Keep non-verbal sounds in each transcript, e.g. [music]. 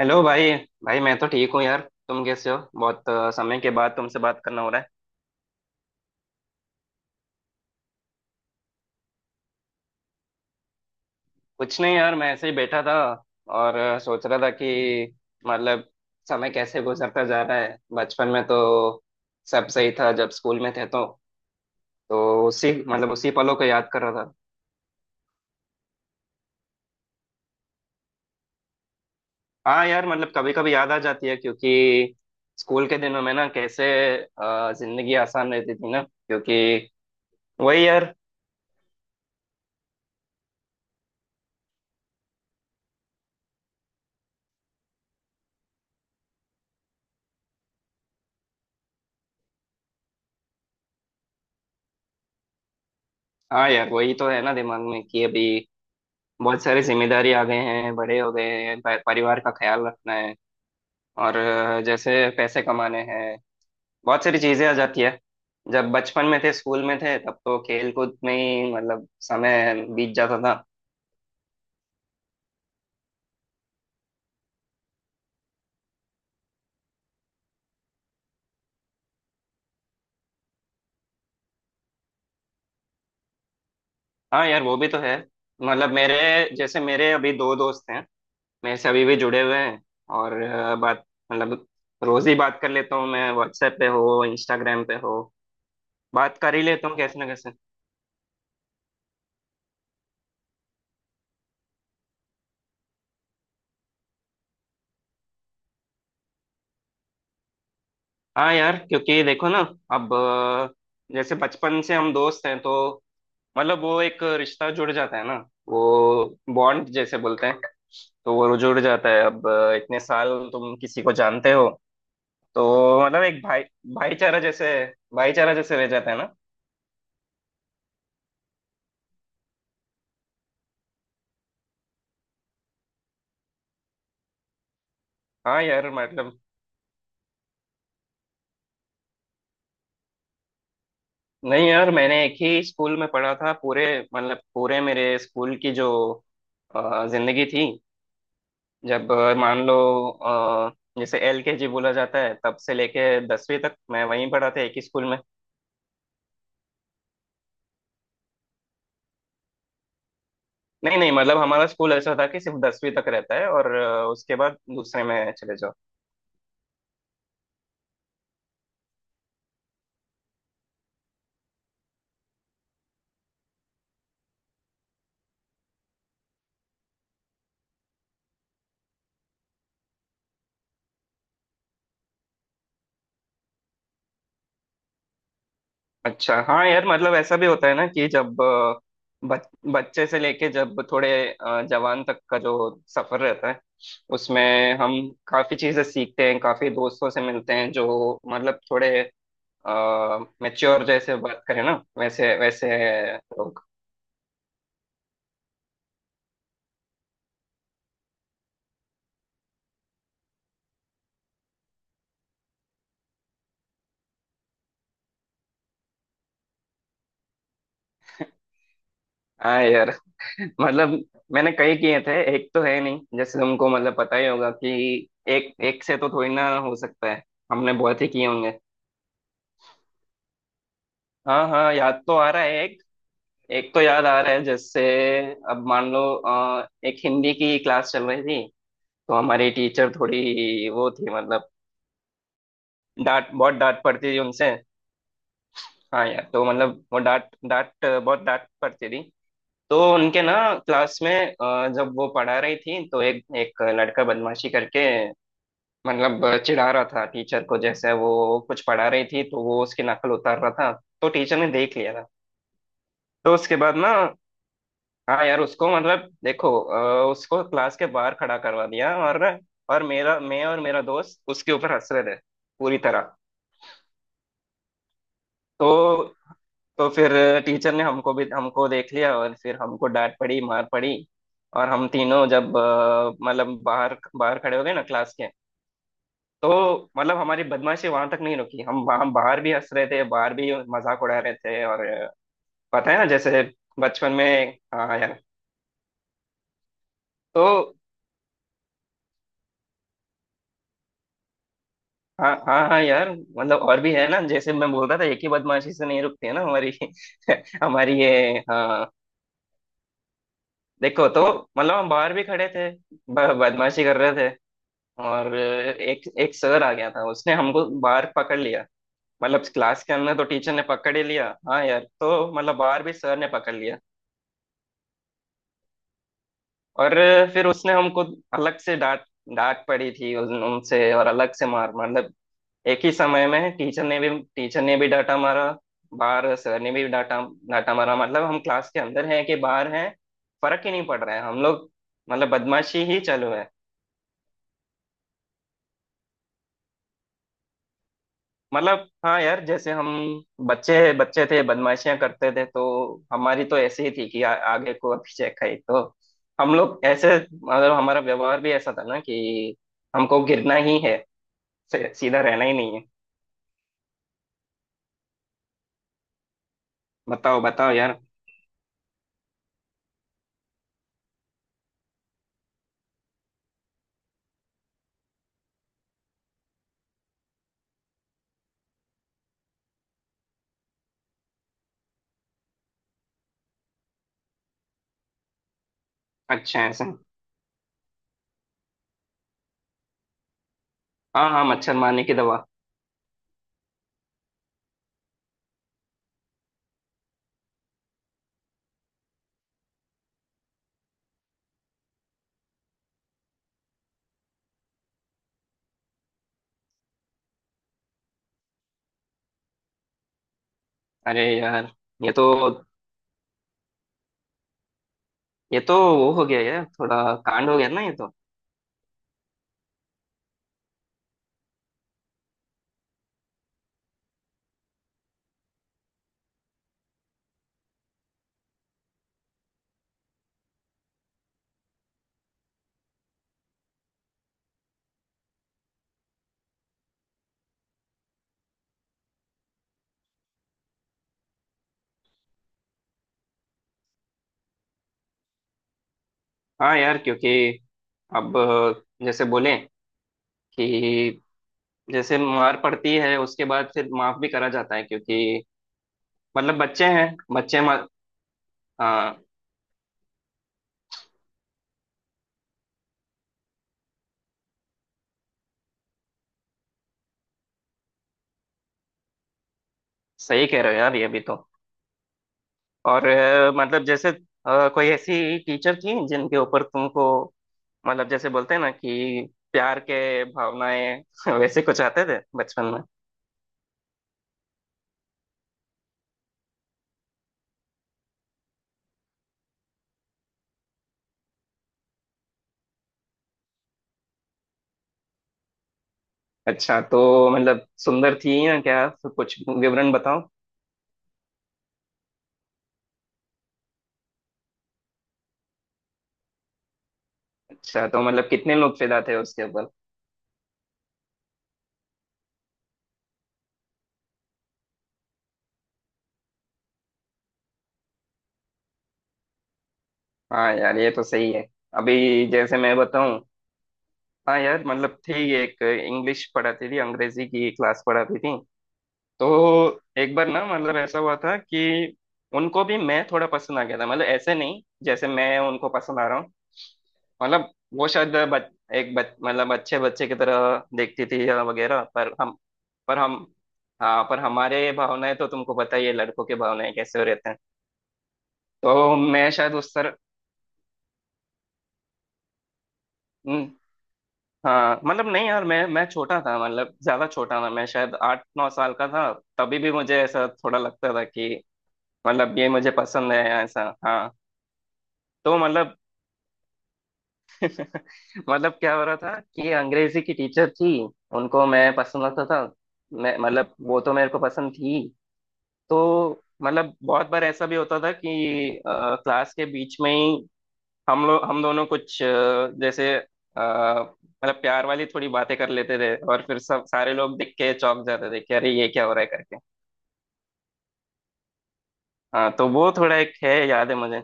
Hello भाई। भाई मैं तो ठीक हूँ यार। तुम कैसे हो? बहुत समय के बाद तुमसे बात करना हो रहा है। कुछ नहीं यार, मैं ऐसे ही बैठा था और सोच रहा था कि मतलब समय कैसे गुजरता जा रहा है। बचपन में तो सब सही था, जब स्कूल में थे तो उसी मतलब उसी पलों को याद कर रहा था। हाँ यार, मतलब कभी कभी याद आ जाती है, क्योंकि स्कूल के दिनों में ना कैसे जिंदगी आसान रहती थी ना, क्योंकि वही यार। हाँ यार, वही तो है ना दिमाग में कि अभी बहुत सारी जिम्मेदारी आ गए हैं, बड़े हो गए हैं, परिवार का ख्याल रखना है और जैसे पैसे कमाने हैं, बहुत सारी चीजें आ जाती है। जब बचपन में थे, स्कूल में थे, तब तो खेल कूद में ही मतलब समय बीत जाता था। हाँ यार, वो भी तो है। मतलब मेरे जैसे मेरे अभी दो दोस्त हैं, मेरे से अभी भी जुड़े हुए हैं और बात मतलब रोज ही बात कर लेता हूँ। मैं व्हाट्सएप पे हो, इंस्टाग्राम पे हो, बात कर ही लेता हूँ कैसे ना। हाँ यार, क्योंकि देखो ना अब जैसे बचपन से हम दोस्त हैं तो मतलब वो एक रिश्ता जुड़ जाता है ना। वो बॉन्ड जैसे बोलते हैं, तो वो जुड़ जाता है। अब इतने साल तुम किसी को जानते हो तो मतलब एक भाईचारा जैसे भाईचारा जैसे रह जाता है ना। हाँ यार मतलब। नहीं यार, मैंने एक ही स्कूल में पढ़ा था। पूरे मतलब पूरे मेरे स्कूल की जो जिंदगी थी। जब मान लो अ, जैसे LKG बोला जाता है, तब से लेके 10वीं तक मैं वहीं पढ़ा था, एक ही स्कूल में। नहीं नहीं मतलब हमारा स्कूल ऐसा था कि सिर्फ 10वीं तक रहता है और उसके बाद दूसरे में चले जाओ। अच्छा, हाँ यार मतलब ऐसा भी होता है ना कि जब बच्चे से लेके जब थोड़े जवान तक का जो सफर रहता है, उसमें हम काफी चीजें सीखते हैं, काफी दोस्तों से मिलते हैं, जो मतलब थोड़े मैच्योर जैसे बात करें ना, वैसे वैसे लोग। हाँ यार। [laughs] मतलब मैंने कई किए थे, एक तो है नहीं, जैसे तुमको मतलब पता ही होगा कि एक एक से तो थोड़ी ना हो सकता है, हमने बहुत ही किए होंगे। हाँ हाँ, याद तो आ रहा है एक। एक तो याद आ रहा है, जैसे अब मान लो एक हिंदी की क्लास चल रही थी तो हमारी टीचर थोड़ी वो थी मतलब, डांट बहुत डांट पड़ती थी उनसे। हाँ यार, तो मतलब वो डांट डांट बहुत डांट पड़ती थी। तो उनके ना क्लास में जब वो पढ़ा रही थी तो एक एक लड़का बदमाशी करके मतलब चिढ़ा रहा था टीचर को, जैसे वो कुछ पढ़ा रही थी तो वो उसकी नकल उतार रहा था। तो टीचर ने देख लिया था। तो उसके बाद ना, हाँ यार, उसको मतलब देखो उसको क्लास के बाहर खड़ा करवा दिया और मेरा मैं और मेरा दोस्त उसके ऊपर हंस रहे थे पूरी तरह। तो तो फिर टीचर ने हमको भी हमको देख लिया और फिर हमको डांट पड़ी, मार पड़ी। और हम तीनों जब मतलब बाहर बाहर खड़े हो गए ना क्लास के, तो मतलब हमारी बदमाशी वहां तक नहीं रुकी, हम वहां बाहर भी हंस रहे थे, बाहर भी मजाक उड़ा रहे थे और पता है ना, जैसे बचपन में, हाँ यार। तो हाँ हाँ हाँ यार, मतलब और भी है ना, जैसे मैं बोल रहा था, एक ही बदमाशी से नहीं रुकती है ना हमारी। [laughs] हमारी ये, हाँ देखो तो मतलब हम बाहर भी खड़े थे, बदमाशी कर रहे थे और एक एक सर आ गया था, उसने हमको बाहर पकड़ लिया। मतलब क्लास के अंदर तो टीचर ने पकड़ ही लिया, हाँ यार, तो मतलब बाहर भी सर ने पकड़ लिया। और फिर उसने हमको अलग से डांट, डांट पड़ी थी उनसे, और अलग से मार, मतलब एक ही समय में टीचर ने भी डांटा मारा, बाहर सर ने भी डांटा, डांटा मारा, मतलब हम क्लास के अंदर हैं कि बाहर हैं, फर्क ही नहीं पड़ रहा है हम लोग, मतलब बदमाशी ही चालू है। मतलब हाँ यार, जैसे हम बच्चे बच्चे थे, बदमाशियां करते थे तो हमारी तो ऐसी ही थी कि आगे को पीछे खाई, तो हम लोग ऐसे, मतलब हमारा व्यवहार भी ऐसा था ना कि हमको गिरना ही है, सीधा रहना ही नहीं है। बताओ बताओ यार। अच्छा है ऐसा। हाँ हाँ, मच्छर मारने की दवा। अरे यार, ये तो ये तो वो हो गया यार, थोड़ा कांड हो गया ना ये तो। हाँ यार, क्योंकि अब जैसे बोले कि जैसे मार पड़ती है उसके बाद फिर माफ भी करा जाता है, क्योंकि मतलब बच्चे हैं, बच्चे मार हाँ। सही कह रहे हो यार, ये भी तो। और मतलब जैसे कोई ऐसी टीचर थी जिनके ऊपर तुमको मतलब, जैसे बोलते हैं ना कि प्यार के भावनाएं, [laughs] वैसे कुछ आते थे बचपन में? अच्छा, तो मतलब सुंदर थी या क्या? तो कुछ विवरण बताओ। अच्छा, तो मतलब कितने लोग फिदा थे उसके ऊपर? हाँ यार, ये तो सही है। अभी जैसे मैं बताऊं। हाँ यार मतलब, थी एक, इंग्लिश पढ़ाती थी, अंग्रेजी की क्लास पढ़ाती थी। तो एक बार ना मतलब ऐसा हुआ था कि उनको भी मैं थोड़ा पसंद आ गया था, मतलब ऐसे नहीं जैसे मैं उनको पसंद आ रहा हूँ। मतलब वो शायद मतलब अच्छे बच्चे की तरह देखती थी या वगैरह, पर हम हाँ, पर हमारे भावनाएं तो तुमको पता ही है, लड़कों के भावनाएं कैसे रहते हैं। तो मैं शायद उस तरह। हम्म। हाँ मतलब, नहीं यार, मैं छोटा था, मतलब ज्यादा छोटा था, मैं शायद 8-9 साल का था। तभी भी मुझे ऐसा थोड़ा लगता था कि मतलब ये मुझे पसंद है ऐसा, हाँ। तो मतलब [laughs] मतलब क्या हो रहा था कि अंग्रेजी की टीचर थी, उनको मैं पसंद आता था। मैं मतलब वो तो मेरे को पसंद थी। तो मतलब बहुत बार ऐसा भी होता था कि क्लास के बीच में ही हम दोनों कुछ मतलब प्यार वाली थोड़ी बातें कर लेते थे और फिर सब सारे लोग देख के चौंक जाते थे कि अरे ये क्या हो रहा है करके। हाँ तो वो थोड़ा एक है, याद है मुझे।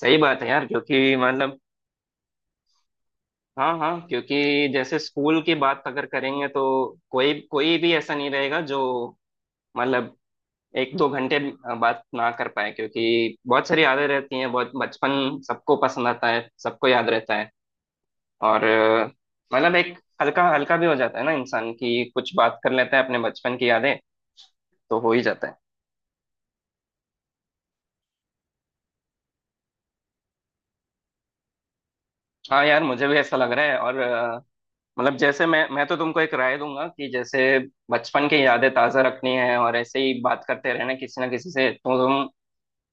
सही बात है यार, क्योंकि मतलब हाँ हाँ, क्योंकि जैसे स्कूल की बात अगर करेंगे तो कोई कोई भी ऐसा नहीं रहेगा जो मतलब 1-2 घंटे बात ना कर पाए, क्योंकि बहुत सारी यादें रहती हैं, बहुत बचपन सबको पसंद आता है, सबको याद रहता है। और मतलब एक हल्का हल्का भी हो जाता है ना इंसान की, कुछ बात कर लेता है अपने बचपन की यादें तो हो ही जाता है। हाँ यार, मुझे भी ऐसा लग रहा है और मतलब जैसे मैं तो तुमको एक राय दूंगा कि जैसे बचपन की यादें ताजा रखनी है और ऐसे ही बात करते रहना किसी ना किसी से, तो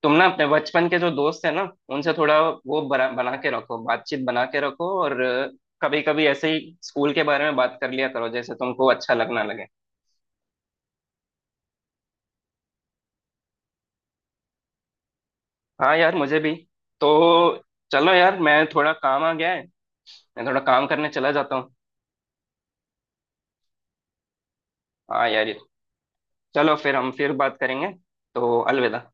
तुम ना अपने बचपन के जो दोस्त है ना उनसे थोड़ा वो बना के रखो, बातचीत बना के रखो। और कभी कभी ऐसे ही स्कूल के बारे में बात कर लिया करो, जैसे तुमको अच्छा लगना लगे। हाँ यार मुझे भी। तो चलो यार, मैं थोड़ा काम आ गया है, मैं थोड़ा काम करने चला जाता हूँ। हाँ यार, चलो फिर हम फिर बात करेंगे, तो अलविदा।